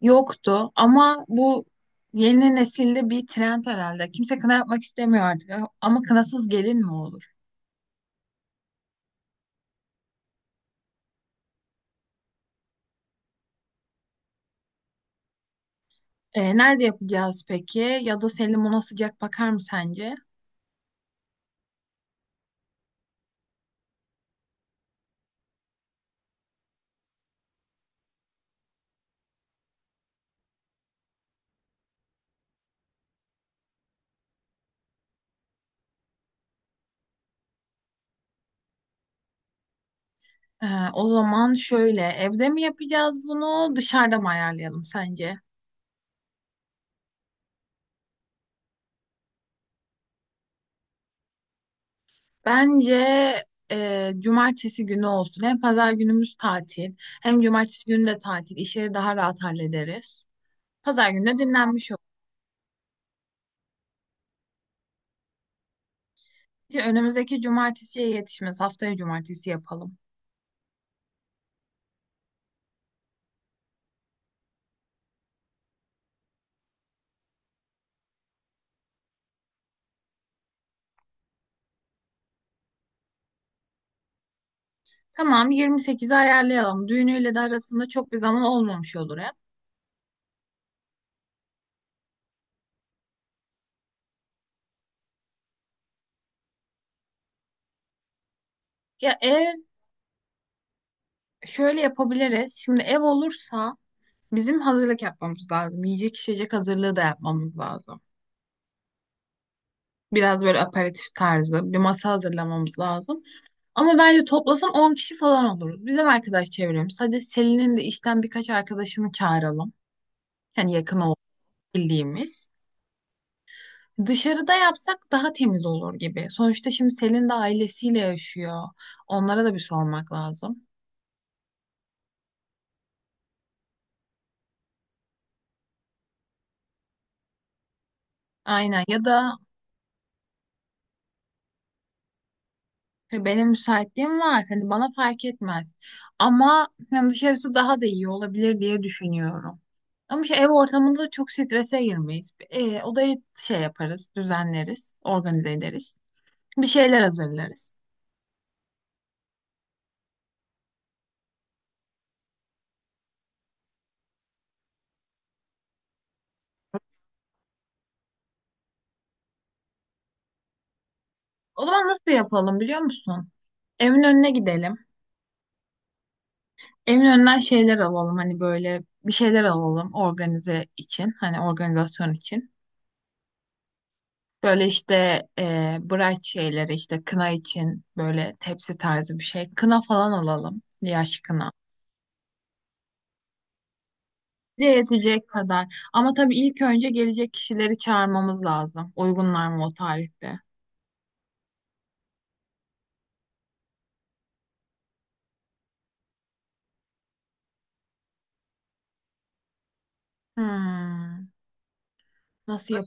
Yoktu ama bu yeni nesilde bir trend herhalde. Kimse kına yapmak istemiyor artık ama kınasız gelin mi olur? Nerede yapacağız peki? Ya da Selim ona sıcak bakar mı sence? Ee, O zaman şöyle evde mi yapacağız bunu dışarıda mı ayarlayalım sence? Bence cumartesi günü olsun. Hem pazar günümüz tatil hem cumartesi günü de tatil. İşleri daha rahat hallederiz. Pazar günü de dinlenmiş olur. Önümüzdeki cumartesiye yetişmez. Haftaya cumartesi yapalım. Tamam, 28'i ayarlayalım. Düğünüyle de arasında çok bir zaman olmamış olur ya. Ya ev şöyle yapabiliriz. Şimdi ev olursa bizim hazırlık yapmamız lazım. Yiyecek içecek hazırlığı da yapmamız lazım. Biraz böyle aperatif tarzı bir masa hazırlamamız lazım. Ama bence toplasan 10 kişi falan oluruz. Bizim arkadaş çevremiz. Hadi Selin'in de işten birkaç arkadaşını çağıralım. Yani yakın olduğu bildiğimiz. Dışarıda yapsak daha temiz olur gibi. Sonuçta şimdi Selin de ailesiyle yaşıyor. Onlara da bir sormak lazım. Aynen ya da benim müsaitliğim var. Hani bana fark etmez. Ama yani dışarısı daha da iyi olabilir diye düşünüyorum. Ama işte ev ortamında çok strese girmeyiz. Odayı şey yaparız, düzenleriz, organize ederiz. Bir şeyler hazırlarız. O zaman nasıl yapalım biliyor musun? Evin önüne gidelim. Evin önünden şeyler alalım hani böyle bir şeyler alalım organize için hani organizasyon için. Böyle işte bright şeyleri işte kına için böyle tepsi tarzı bir şey. Kına falan alalım yaş kına. Bize yetecek kadar ama tabii ilk önce gelecek kişileri çağırmamız lazım. Uygunlar mı o tarihte? Hmm, nasıl yap?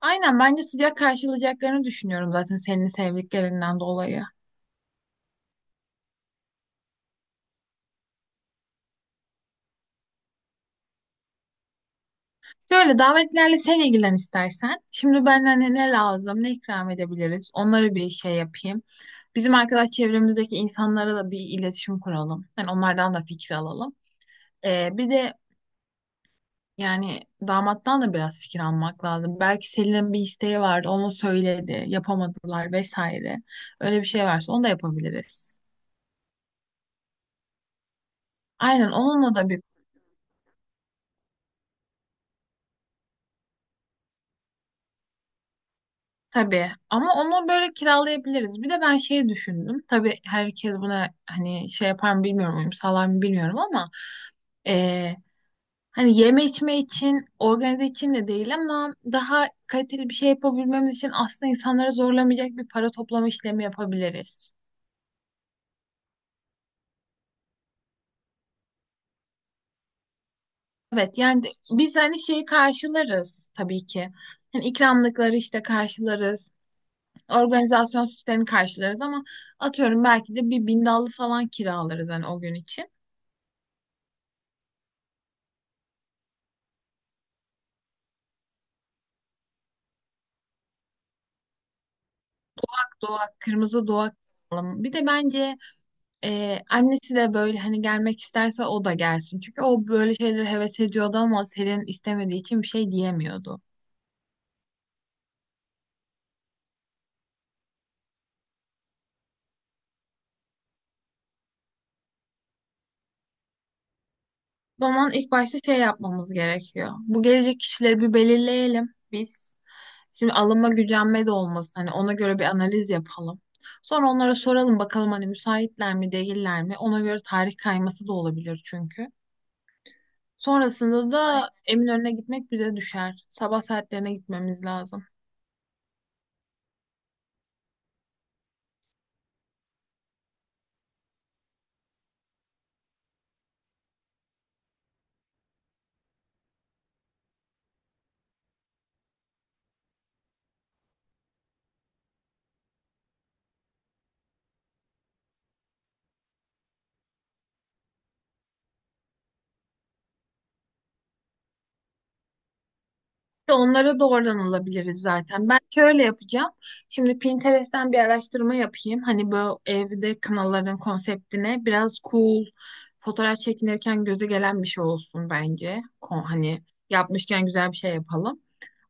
Aynen bence sıcak karşılayacaklarını düşünüyorum zaten senin sevdiklerinden dolayı. Şöyle davetlerle sen ilgilen istersen. Şimdi ben hani ne lazım, ne ikram edebiliriz? Onlara bir şey yapayım. Bizim arkadaş çevremizdeki insanlara da bir iletişim kuralım. Yani onlardan da fikir alalım. Bir de yani damattan da biraz fikir almak lazım. Belki Selin'in bir isteği vardı, onu söyledi, yapamadılar vesaire. Öyle bir şey varsa onu da yapabiliriz. Aynen onunla da bir tabii ama onu böyle kiralayabiliriz. Bir de ben şey düşündüm. Tabii herkes buna hani şey yapar mı bilmiyorum, uyum sağlar mı bilmiyorum ama eee, hani yeme içme için, organize için de değil ama daha kaliteli bir şey yapabilmemiz için aslında insanları zorlamayacak bir para toplama işlemi yapabiliriz. Evet yani biz hani şeyi karşılarız tabii ki. Hani ikramlıkları işte karşılarız. Organizasyon süslerini karşılarız ama atıyorum belki de bir bindallı falan kiralarız hani o gün için. Doğak, kırmızı doğak alalım. Bir de bence annesi de böyle hani gelmek isterse o da gelsin. Çünkü o böyle şeyleri heves ediyordu ama Selin istemediği için bir şey diyemiyordu. O zaman ilk başta şey yapmamız gerekiyor. Bu gelecek kişileri bir belirleyelim biz. Şimdi alınma gücenme de olmasın. Hani ona göre bir analiz yapalım. Sonra onlara soralım bakalım hani müsaitler mi değiller mi? Ona göre tarih kayması da olabilir çünkü. Sonrasında da Eminönü'ne gitmek bize düşer. Sabah saatlerine gitmemiz lazım. İşte onlara doğrudan alabiliriz zaten. Ben şöyle yapacağım. Şimdi Pinterest'ten bir araştırma yapayım. Hani bu evde kınaların konseptine biraz cool, fotoğraf çekinirken göze gelen bir şey olsun bence. Hani yapmışken güzel bir şey yapalım.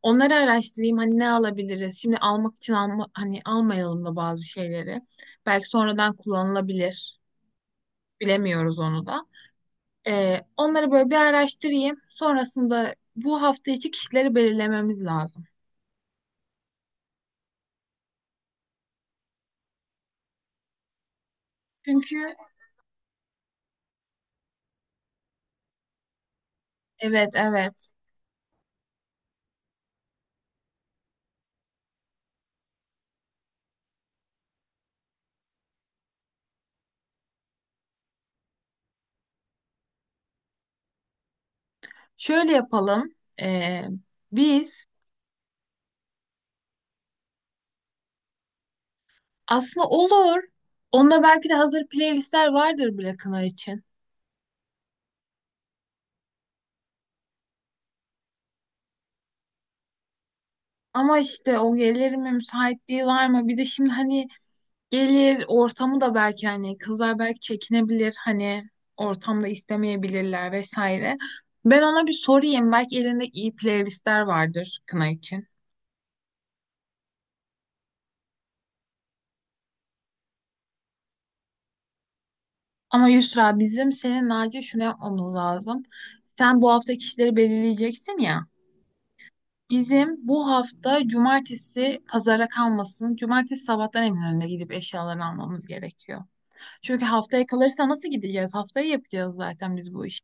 Onları araştırayım. Hani ne alabiliriz? Şimdi almak için alma, hani almayalım da bazı şeyleri. Belki sonradan kullanılabilir. Bilemiyoruz onu da. Onları böyle bir araştırayım. Sonrasında bu hafta içi kişileri belirlememiz lazım. Çünkü evet, evet. Şöyle yapalım. Ee, biz aslında olur. Onda belki de hazır playlistler vardır bile kına için. Ama işte o gelir mi müsaitliği var mı? Bir de şimdi hani gelir ortamı da belki hani kızlar belki çekinebilir hani ortamda istemeyebilirler vesaire. Ben ona bir sorayım. Belki elinde iyi playlistler vardır kına için. Ama Yusra bizim senin acil şunu yapmamız lazım. Sen bu hafta kişileri belirleyeceksin ya. Bizim bu hafta cumartesi pazara kalmasın. Cumartesi sabahtan Eminönü'ne gidip eşyalarını almamız gerekiyor. Çünkü haftaya kalırsa nasıl gideceğiz? Haftaya yapacağız zaten biz bu işi.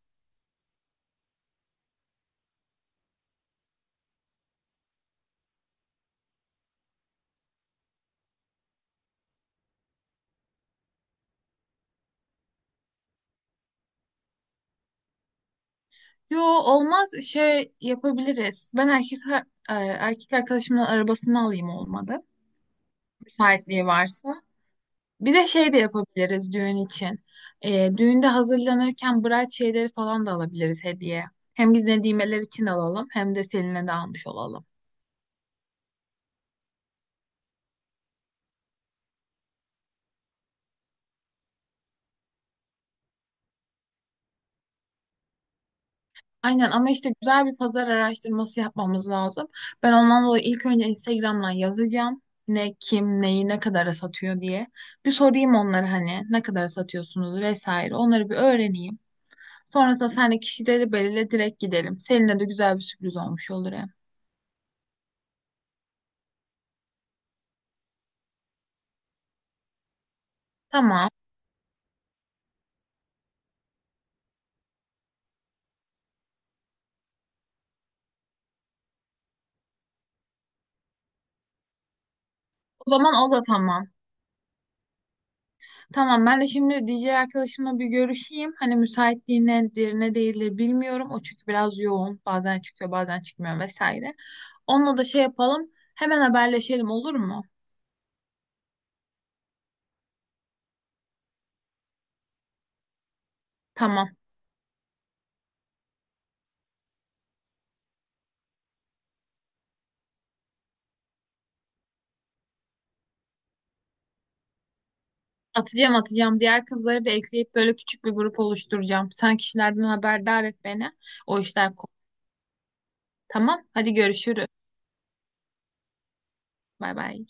Yo olmaz şey yapabiliriz. Erkek arkadaşımın arabasını alayım olmadı. Müsaitliği varsa. Bir de şey de yapabiliriz düğün için. Düğünde hazırlanırken bride şeyleri falan da alabiliriz hediye. Hem biz Nedimeler için alalım hem de Selin'e de almış olalım. Aynen ama işte güzel bir pazar araştırması yapmamız lazım. Ben ondan dolayı ilk önce Instagram'dan yazacağım. Ne, kim, neyi, ne kadara satıyor diye. Bir sorayım onlara hani ne kadara satıyorsunuz vesaire. Onları bir öğreneyim. Sonrasında seninle kişileri belirle direkt gidelim. Seninle de güzel bir sürpriz olmuş olur hem. Tamam. O zaman o da tamam. Tamam ben de şimdi DJ arkadaşımla bir görüşeyim. Hani müsaitliği nedir ne değildir bilmiyorum. O çünkü biraz yoğun. Bazen çıkıyor bazen çıkmıyor vesaire. Onunla da şey yapalım. Hemen haberleşelim olur mu? Tamam. Atacağım atacağım. Diğer kızları da ekleyip böyle küçük bir grup oluşturacağım. Sen kişilerden haberdar et beni. O işler kolay. Tamam. Hadi görüşürüz. Bay bay.